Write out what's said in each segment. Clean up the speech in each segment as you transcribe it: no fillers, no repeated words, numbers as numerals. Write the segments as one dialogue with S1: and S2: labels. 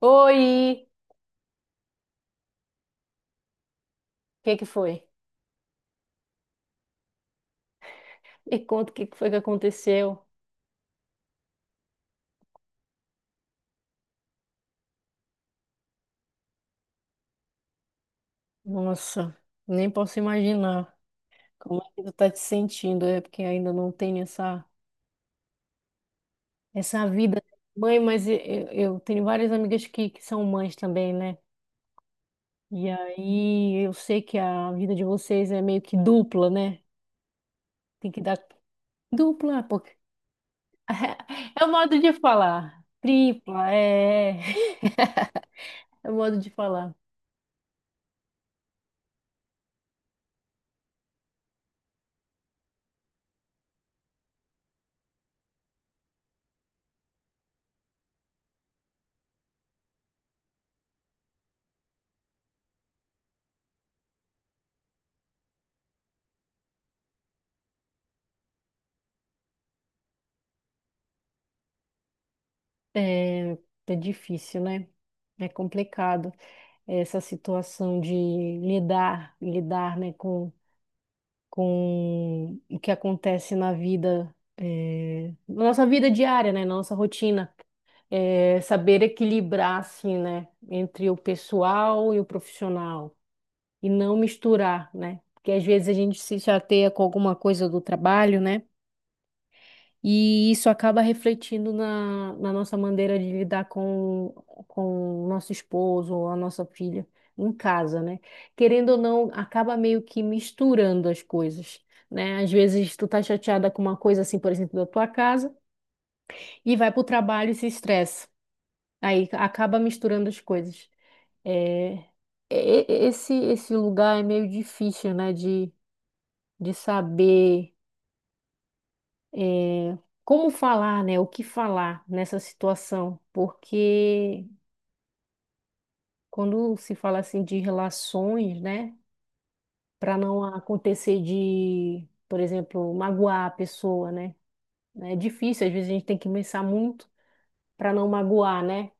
S1: Oi! O que que foi? Me conta o que que foi que aconteceu. Nossa, nem posso imaginar como é que tu tá te sentindo, é porque ainda não tenho essa, essa vida de mãe, mas eu tenho várias amigas que são mães também, né? E aí eu sei que a vida de vocês é meio que dupla, né? Tem que dar dupla, porque é o modo de falar. Tripla, é, é o modo de falar. É, é difícil, né? É complicado. Essa situação de lidar, né, com o que acontece na vida, na nossa vida diária, né, na nossa rotina. Saber equilibrar, assim, né, entre o pessoal e o profissional e não misturar, né, porque às vezes a gente se chateia com alguma coisa do trabalho, né, e isso acaba refletindo na nossa maneira de lidar com o nosso esposo ou a nossa filha em casa, né? Querendo ou não, acaba meio que misturando as coisas, né? Às vezes tu tá chateada com uma coisa assim, por exemplo, da tua casa, e vai pro trabalho e se estressa. Aí acaba misturando as coisas. É, esse lugar é meio difícil, né? De saber. É, como falar, né? O que falar nessa situação? Porque quando se fala assim de relações, né? Para não acontecer de, por exemplo, magoar a pessoa, né? É difícil, às vezes a gente tem que pensar muito para não magoar, né?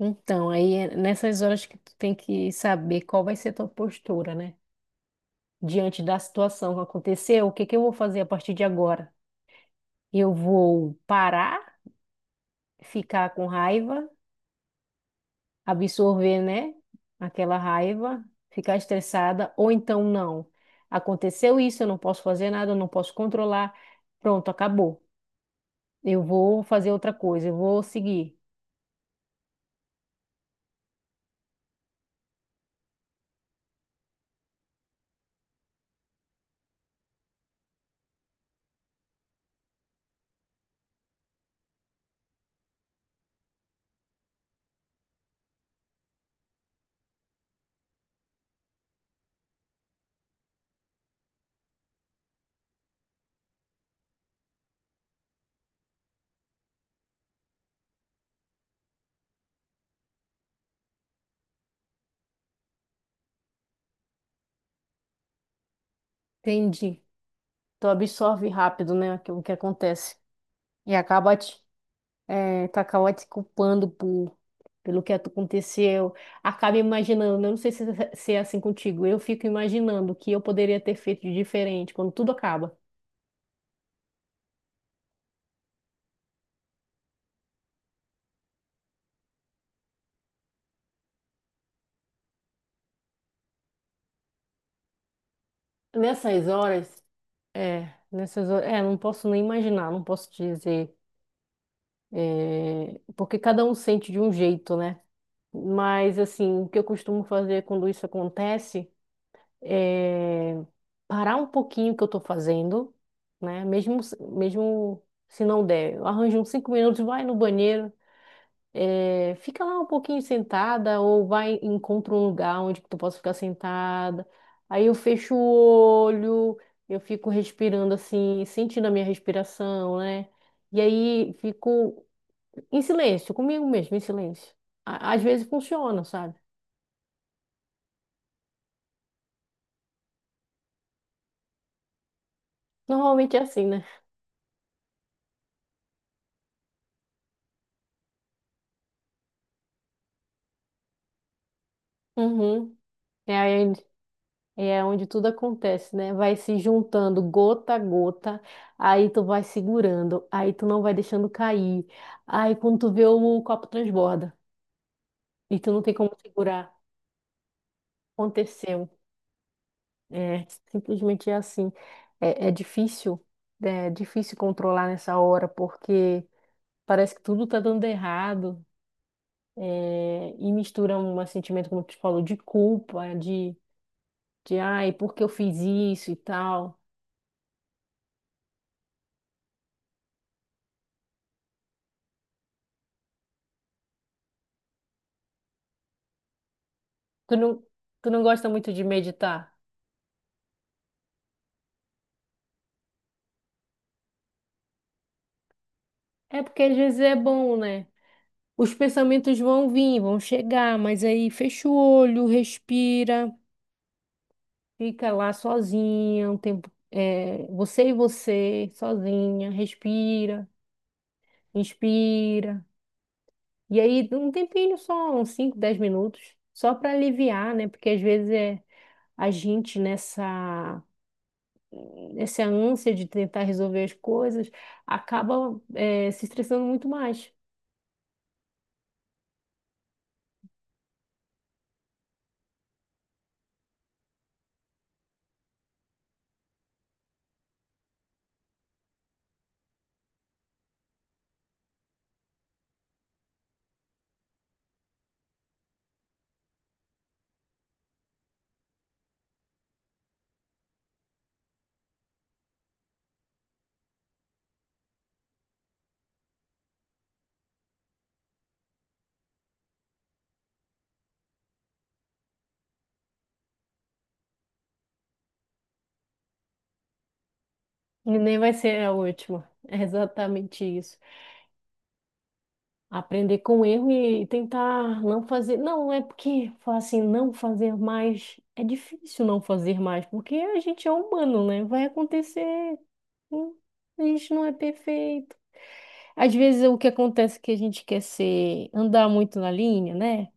S1: Então, aí é nessas horas que tu tem que saber qual vai ser tua postura, né? Diante da situação que aconteceu, o que que eu vou fazer a partir de agora? Eu vou parar, ficar com raiva? Absorver, né? Aquela raiva, ficar estressada, ou então não. Aconteceu isso, eu não posso fazer nada, eu não posso controlar. Pronto, acabou. Eu vou fazer outra coisa, eu vou seguir. Entendi. Tu absorve rápido, né, aquilo que acontece. E acaba te, tu acaba te culpando por, pelo que aconteceu. Acaba imaginando, né? Eu não sei se, é, se é assim contigo, eu fico imaginando o que eu poderia ter feito de diferente quando tudo acaba. Nessas horas, é, nessas horas, é, não posso nem imaginar, não posso dizer, é, porque cada um sente de um jeito, né? Mas, assim, o que eu costumo fazer quando isso acontece é parar um pouquinho o que eu tô fazendo, né? Mesmo se não der, eu arranjo uns cinco minutos, vai no banheiro, é, fica lá um pouquinho sentada ou vai encontra um lugar onde tu possa ficar sentada. Aí eu fecho o olho, eu fico respirando assim, sentindo a minha respiração, né? E aí fico em silêncio, comigo mesmo, em silêncio. Às vezes funciona, sabe? Normalmente é assim, né? Uhum. É, aí E é onde tudo acontece, né? Vai se juntando gota a gota, aí tu vai segurando, aí tu não vai deixando cair. Aí quando tu vê o copo transborda e tu não tem como segurar. Aconteceu. É, simplesmente é assim. É, é difícil controlar nessa hora, porque parece que tudo tá dando errado. É, e mistura um sentimento, como tu falou, de culpa, de ai, por que eu fiz isso e tal. Tu não, Tu não gosta muito de meditar? É porque às vezes é bom, né? Os pensamentos vão vir, vão chegar, mas aí fecha o olho, respira, fica lá sozinha um tempo, é, você e você, sozinha, respira, inspira. E aí um tempinho só, uns 5 10 minutos, só para aliviar, né? Porque às vezes é a gente nessa ânsia de tentar resolver as coisas, acaba, é, se estressando muito mais. E nem vai ser a última. É exatamente isso. Aprender com erro e tentar não fazer. Não, é porque falar assim, não fazer mais. É difícil não fazer mais, porque a gente é humano, né? Vai acontecer. Hum, a gente não é perfeito. Às vezes o que acontece é que a gente quer ser, andar muito na linha, né?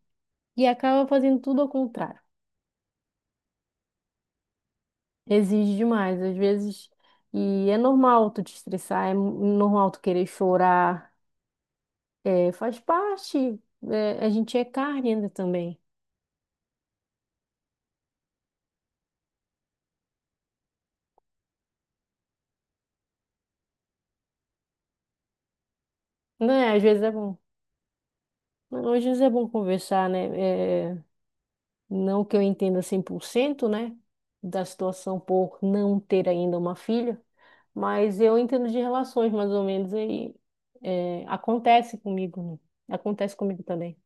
S1: E acaba fazendo tudo ao contrário. Exige demais, às vezes. E é normal tu te estressar, é normal tu querer chorar. É, faz parte. É, a gente é carne ainda também. Né? Às vezes é bom. Às vezes é bom conversar, né? É, não que eu entenda 100%, né? Da situação por não ter ainda uma filha, mas eu entendo de relações, mais ou menos, aí é, acontece comigo, né? Acontece comigo também.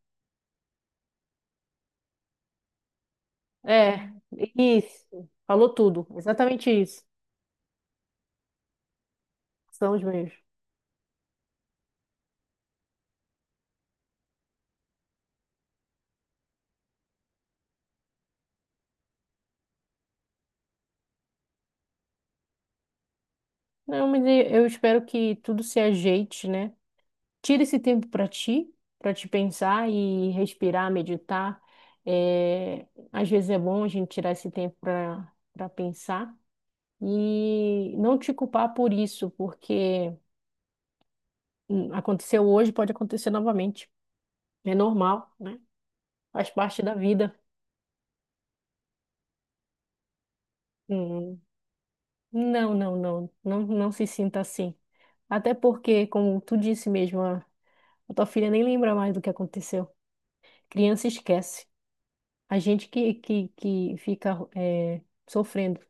S1: É, isso. Falou tudo. Exatamente isso. São os mesmos. Não, mas eu espero que tudo se ajeite, né? Tira esse tempo para ti, para te pensar e respirar, meditar. É, às vezes é bom a gente tirar esse tempo para pensar e não te culpar por isso, porque aconteceu hoje, pode acontecer novamente. É normal, né? Faz parte da vida. Hum, não se sinta assim. Até porque, como tu disse mesmo, a tua filha nem lembra mais do que aconteceu. Criança esquece. A gente que fica é, sofrendo.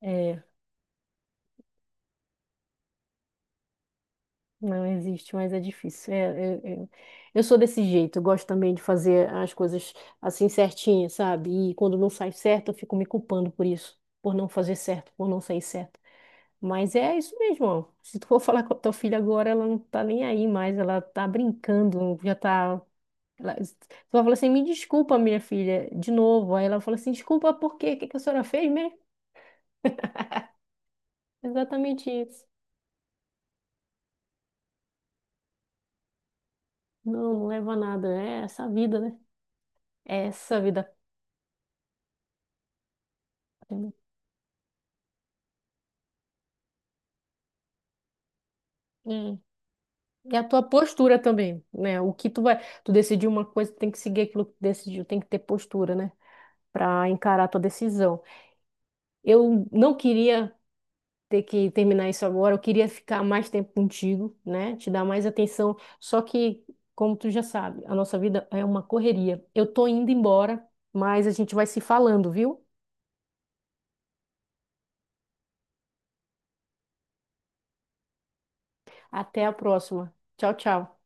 S1: É, não existe, mas é difícil. É, é, é. Eu sou desse jeito, eu gosto também de fazer as coisas assim certinhas, sabe? E quando não sai certo, eu fico me culpando por isso, por não fazer certo, por não sair certo. Mas é isso mesmo, ó. Se tu for falar com a tua filha agora, ela não tá nem aí mais, ela tá brincando, já tá. Ela... Tu vai falar assim, me desculpa, minha filha, de novo. Aí ela fala assim, desculpa, por quê? O que que a senhora fez mesmo? Exatamente isso. Não, não leva a nada. É essa vida, né? É essa vida. É. E a tua postura também, né? O que tu vai. Tu decidiu uma coisa, tu tem que seguir aquilo que tu decidiu, tem que ter postura, né? Pra encarar a tua decisão. Eu não queria ter que terminar isso agora, eu queria ficar mais tempo contigo, né? Te dar mais atenção. Só que, como tu já sabe, a nossa vida é uma correria. Eu tô indo embora, mas a gente vai se falando, viu? Até a próxima. Tchau, tchau.